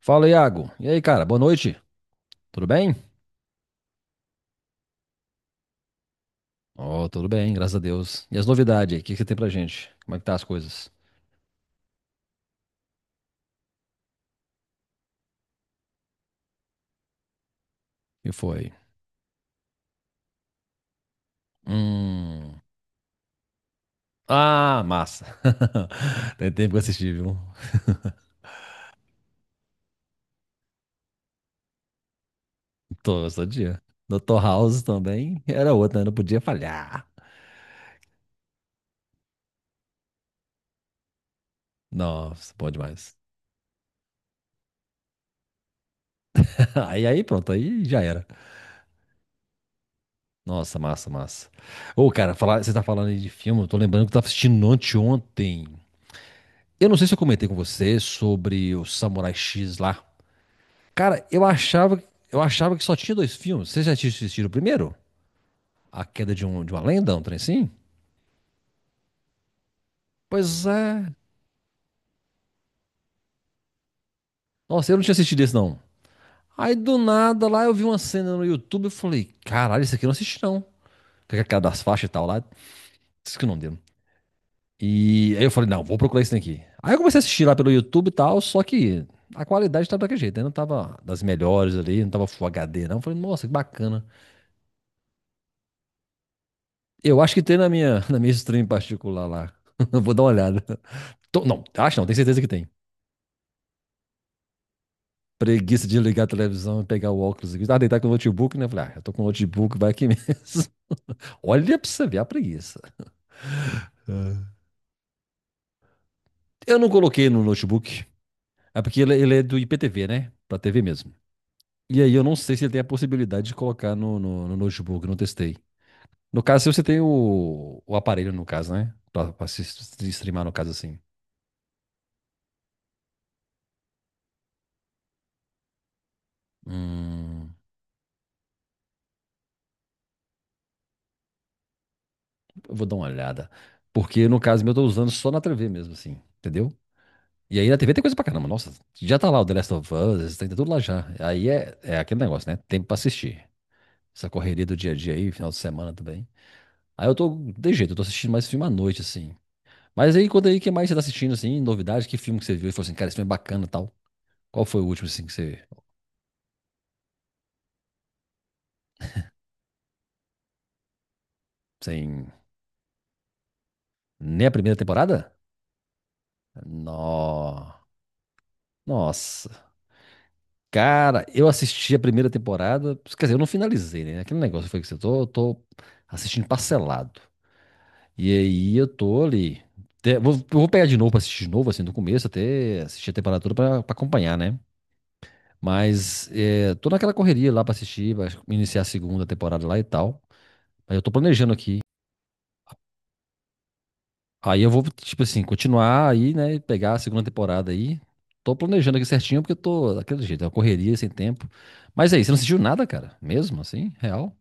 Fala, Iago. E aí, cara? Boa noite. Tudo bem? Ó, tudo bem, graças a Deus. E as novidades aí? O que que você tem pra gente? Como é que tá as coisas? E foi? Hum. Ah, massa. Tem tempo que eu assisti, viu? Tô, todo dia. Dr. House também era outra, né? Não podia falhar. Nossa, bom demais. Aí, aí, pronto, aí já era. Nossa, massa, massa. Ô, cara, falar, você tá falando aí de filme, eu tô lembrando que eu tava assistindo anteontem. Eu não sei se eu comentei com você sobre o Samurai X lá. Cara, eu achava que só tinha dois filmes. Vocês já tinham assistido o primeiro? A Queda de, de uma Lenda, um trem assim? Pois é. Nossa, eu não tinha assistido esse, não. Aí do nada lá eu vi uma cena no YouTube e falei, caralho, isso aqui eu não assisti, não. Com aquela das faixas e tal lá. Isso que não deu. E aí eu falei, não, vou procurar isso daqui. Aí eu comecei a assistir lá pelo YouTube e tal, só que a qualidade tava daquele jeito, né? Não tava das melhores ali, não tava Full HD, não. Eu falei, nossa, que bacana. Eu acho que tem na minha, na minha stream particular lá. Vou dar uma olhada. Não, acho não, tenho certeza que tem. Preguiça de ligar a televisão e pegar o óculos aqui. Ah, deitar com o notebook, né? Falei, ah, eu tô com o notebook, vai aqui mesmo. Olha pra você ver a preguiça. Eu não coloquei no notebook, é porque ele é do IPTV, né? Pra TV mesmo. E aí eu não sei se ele tem a possibilidade de colocar no notebook, não testei. No caso, se você tem o aparelho, no caso, né? Pra se streamar, no caso, assim. Hum, eu vou dar uma olhada. Porque no caso meu, eu tô usando só na TV mesmo, assim. Entendeu? E aí na TV tem coisa pra caramba. Nossa, já tá lá o The Last of Us, tem tudo lá já. Aí é, é aquele negócio, né? Tempo pra assistir. Essa correria do dia a dia aí, final de semana também. Aí eu tô, de jeito, eu tô assistindo mais filme à noite, assim. Mas aí, quando aí, o que mais você tá assistindo, assim, novidade? Que filme que você viu e falou assim, cara, esse filme é bacana e tal? Qual foi o último, assim, que você... Sem... Nem a primeira temporada? No... Nossa. Cara, eu assisti a primeira temporada... Quer dizer, eu não finalizei, né? Aquele negócio foi que você... Tô assistindo parcelado. E aí eu tô ali. Te- Vou, vou pegar de novo pra assistir de novo, assim, do começo, até assistir a temporada toda pra acompanhar, né? Mas é, tô naquela correria lá pra assistir, pra iniciar a segunda temporada lá e tal. Mas eu tô planejando aqui. Aí eu vou, tipo assim, continuar aí, né? E pegar a segunda temporada aí. Tô planejando aqui certinho, porque eu tô daquele jeito, é uma correria sem tempo. Mas aí, você não assistiu nada, cara? Mesmo assim? Real?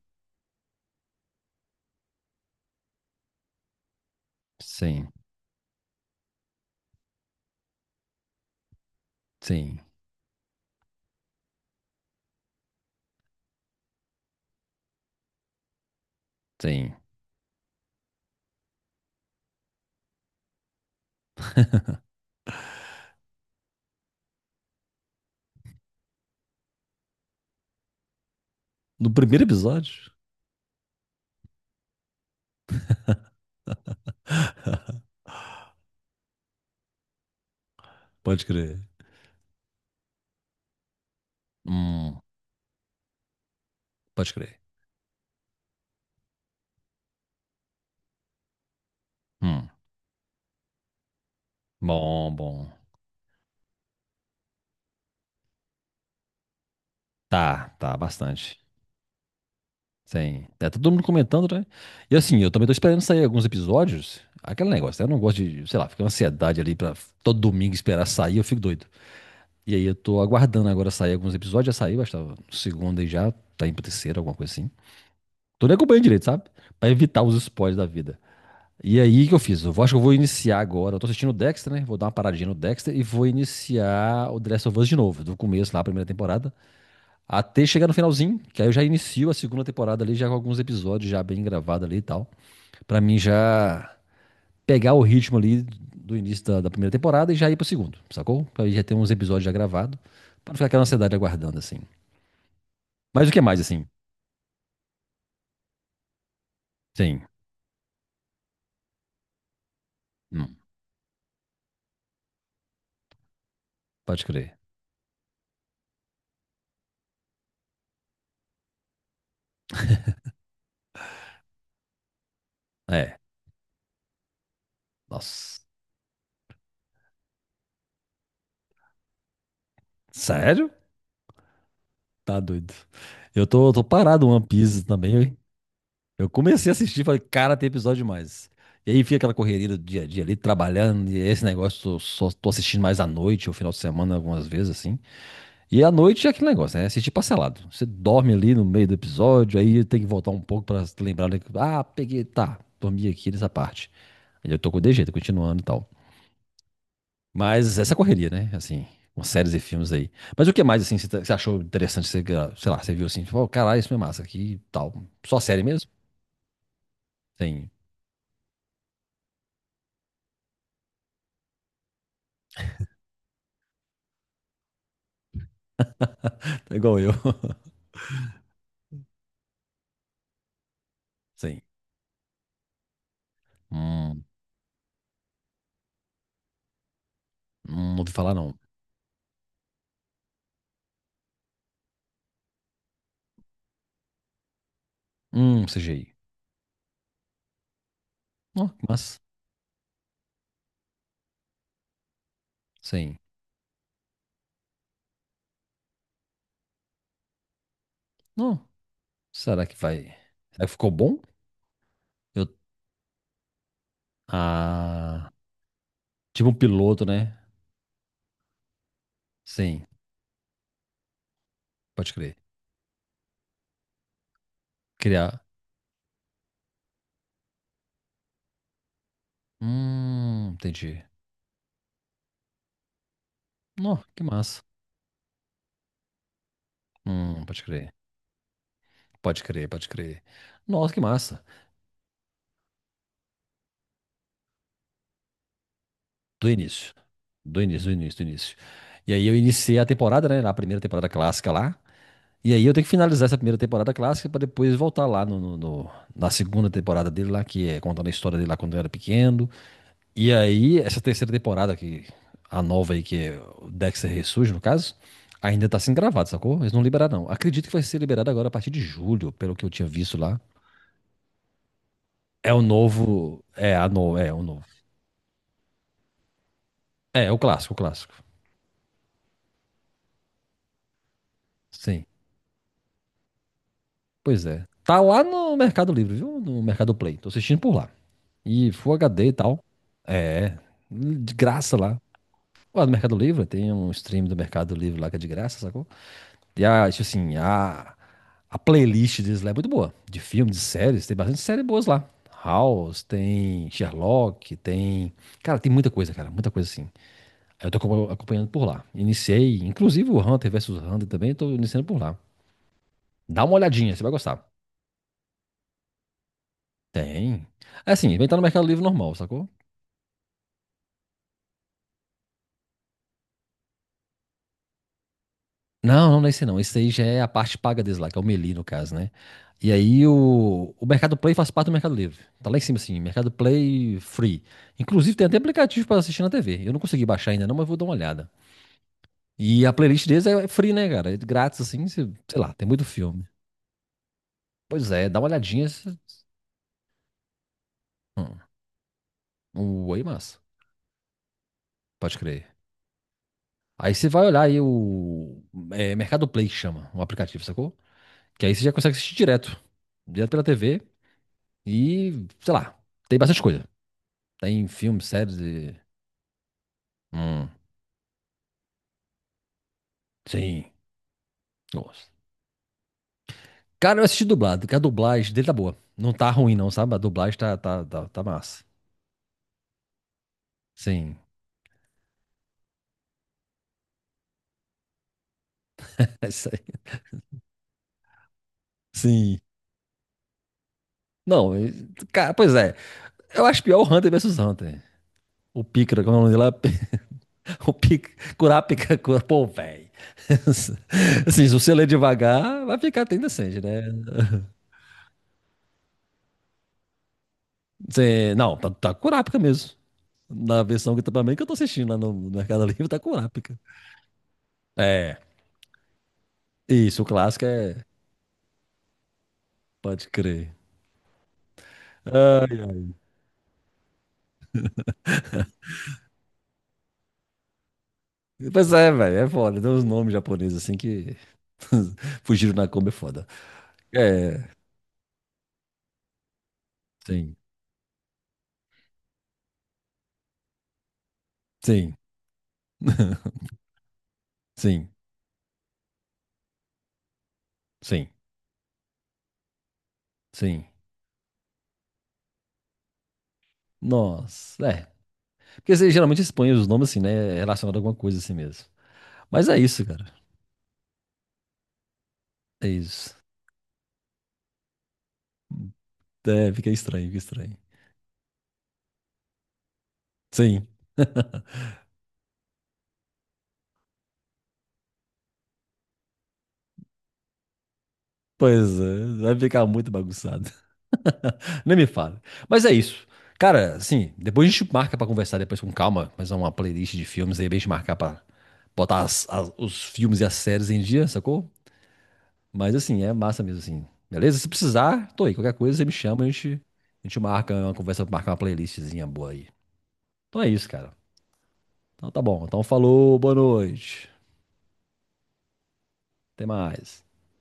Sim, sim, sim. No primeiro episódio? Pode crer. Hum, pode crer. Hum. Bom, bom. Tá, tá, bastante. Sim. Tá todo mundo comentando, né? E assim, eu também tô esperando sair alguns episódios. Aquele negócio, né? Eu não gosto de, sei lá, fica uma ansiedade ali pra todo domingo esperar sair, eu fico doido. E aí eu tô aguardando agora sair alguns episódios. Já saiu, acho que tava no segundo aí já, tá indo pro terceiro, alguma coisa assim. Tô nem acompanhando direito, sabe? Pra evitar os spoilers da vida. E aí, o que eu fiz? Acho que eu vou iniciar agora. Eu tô assistindo o Dexter, né? Vou dar uma paradinha no Dexter e vou iniciar o The Last of Us de novo, do começo lá, a primeira temporada. Até chegar no finalzinho, que aí eu já inicio a segunda temporada ali, já com alguns episódios já bem gravados ali e tal. Pra mim já pegar o ritmo ali do início da primeira temporada e já ir pro segundo, sacou? Pra aí já ter uns episódios já gravados, pra não ficar aquela ansiedade aguardando, assim. Mas o que mais, assim? Sim, hum, pode crer. É, nossa. Sério? Tá doido. Eu tô, tô parado no One Piece também. Eu comecei a assistir, falei, cara, tem episódio demais. E aí fica aquela correria do dia a dia ali, trabalhando, e esse negócio, eu só tô assistindo mais à noite, ou final de semana, algumas vezes, assim. E à noite é aquele negócio, né? É assistir parcelado. Você dorme ali no meio do episódio, aí tem que voltar um pouco pra se lembrar, né? Ah, peguei, tá, dormi aqui nessa parte. Aí eu tô com de jeito, continuando e tal. Mas essa correria, né? Assim, com séries e filmes aí. Mas o que mais, assim, você achou interessante? Você, ah, sei lá, você viu assim, tipo, oh, caralho, isso é massa aqui e tal. Só série mesmo? Sim. É igual eu. Sim. Hum, não ouvi falar não. CGI. Ó, que massa. Sim. Ó, será que vai? Será que ficou bom? Eu... Ah, tipo um piloto, né? Sim, pode crer. Criar. Entendi. Ó, que massa. Pode crer. Pode crer, pode crer. Nossa, que massa. Do início. Do início, do início, do início. E aí eu iniciei a temporada, né? Na primeira temporada clássica lá. E aí eu tenho que finalizar essa primeira temporada clássica pra depois voltar lá na segunda temporada dele lá, que é contando a história dele lá quando eu era pequeno. E aí, essa terceira temporada, que a nova aí, que é o Dexter Ressurge, no caso, ainda tá sendo gravado, sacou? Eles não liberaram, não. Acredito que vai ser liberado agora a partir de julho, pelo que eu tinha visto lá. É o novo. É, a no... é o novo. É, o clássico, o clássico. Sim, pois é. Tá lá no Mercado Livre, viu? No Mercado Play. Tô assistindo por lá. E Full HD e tal. É, de graça lá. Lá do Mercado Livre, tem um stream do Mercado Livre lá que é de graça, sacou? E a, tipo assim, a playlist deles lá é muito boa. De filmes, de séries, tem bastante séries boas lá. House, tem Sherlock, tem. Cara, tem muita coisa, cara, muita coisa assim. Aí eu tô acompanhando por lá. Iniciei, inclusive o Hunter versus Hunter também, eu tô iniciando por lá. Dá uma olhadinha, você vai gostar. Tem. É assim, vem estar no Mercado Livre normal, sacou? Não, não, não é esse não. Esse aí já é a parte paga deles lá, que é o Meli, no caso, né? E aí o Mercado Play faz parte do Mercado Livre. Tá lá em cima, assim, Mercado Play Free. Inclusive tem até aplicativo pra assistir na TV. Eu não consegui baixar ainda não, mas vou dar uma olhada. E a playlist deles é free, né, cara? É grátis, assim, sei lá, tem muito filme. Pois é, dá uma olhadinha. Hum, um oi, massa. Pode crer. Aí você vai olhar aí o Mercado Play que chama, o aplicativo, sacou? Que aí você já consegue assistir direto. Direto pela TV e, sei lá, tem bastante coisa. Tem filmes, séries e. Hum, sim, gosto. Cara, eu assisti dublado, que a dublagem dele tá boa. Não tá ruim, não, sabe? A dublagem tá massa. Sim. É isso aí. Sim. Não, e- cara, pois é. Eu acho pior o Hunter versus Hunter. O Pícara, como é o nome dele lá? O Pic, Curápica, cura, pô, velho. Assim, se você ler devagar, vai ficar até indecente, né? Não, tá Curápica mesmo. Na versão que também que eu tô assistindo lá no Mercado Livre, tá Curápica. É, isso, o clássico é. Pode crer. Ai, ai. Pois é, velho, é foda. Tem uns nomes japoneses assim que fugiram na Kombi é foda. É, sim, sim, sim, sim, sim. Nossa, é. Porque você geralmente expõe os nomes assim, né? Relacionado a alguma coisa assim mesmo. Mas é isso, cara. É isso. É, fica estranho, fica estranho. Sim, pois é. Vai ficar muito bagunçado. Nem me fala. Mas é isso. Cara, assim, depois a gente marca pra conversar depois com calma, mas é uma playlist de filmes aí, é bem de marcar pra botar os filmes e as séries em dia, sacou? Mas assim, é massa mesmo, assim. Beleza? Se precisar, tô aí. Qualquer coisa, você me chama, a gente marca uma conversa, marca uma playlistzinha boa aí. Então é isso, cara. Então tá bom. Então falou, boa noite. Até mais.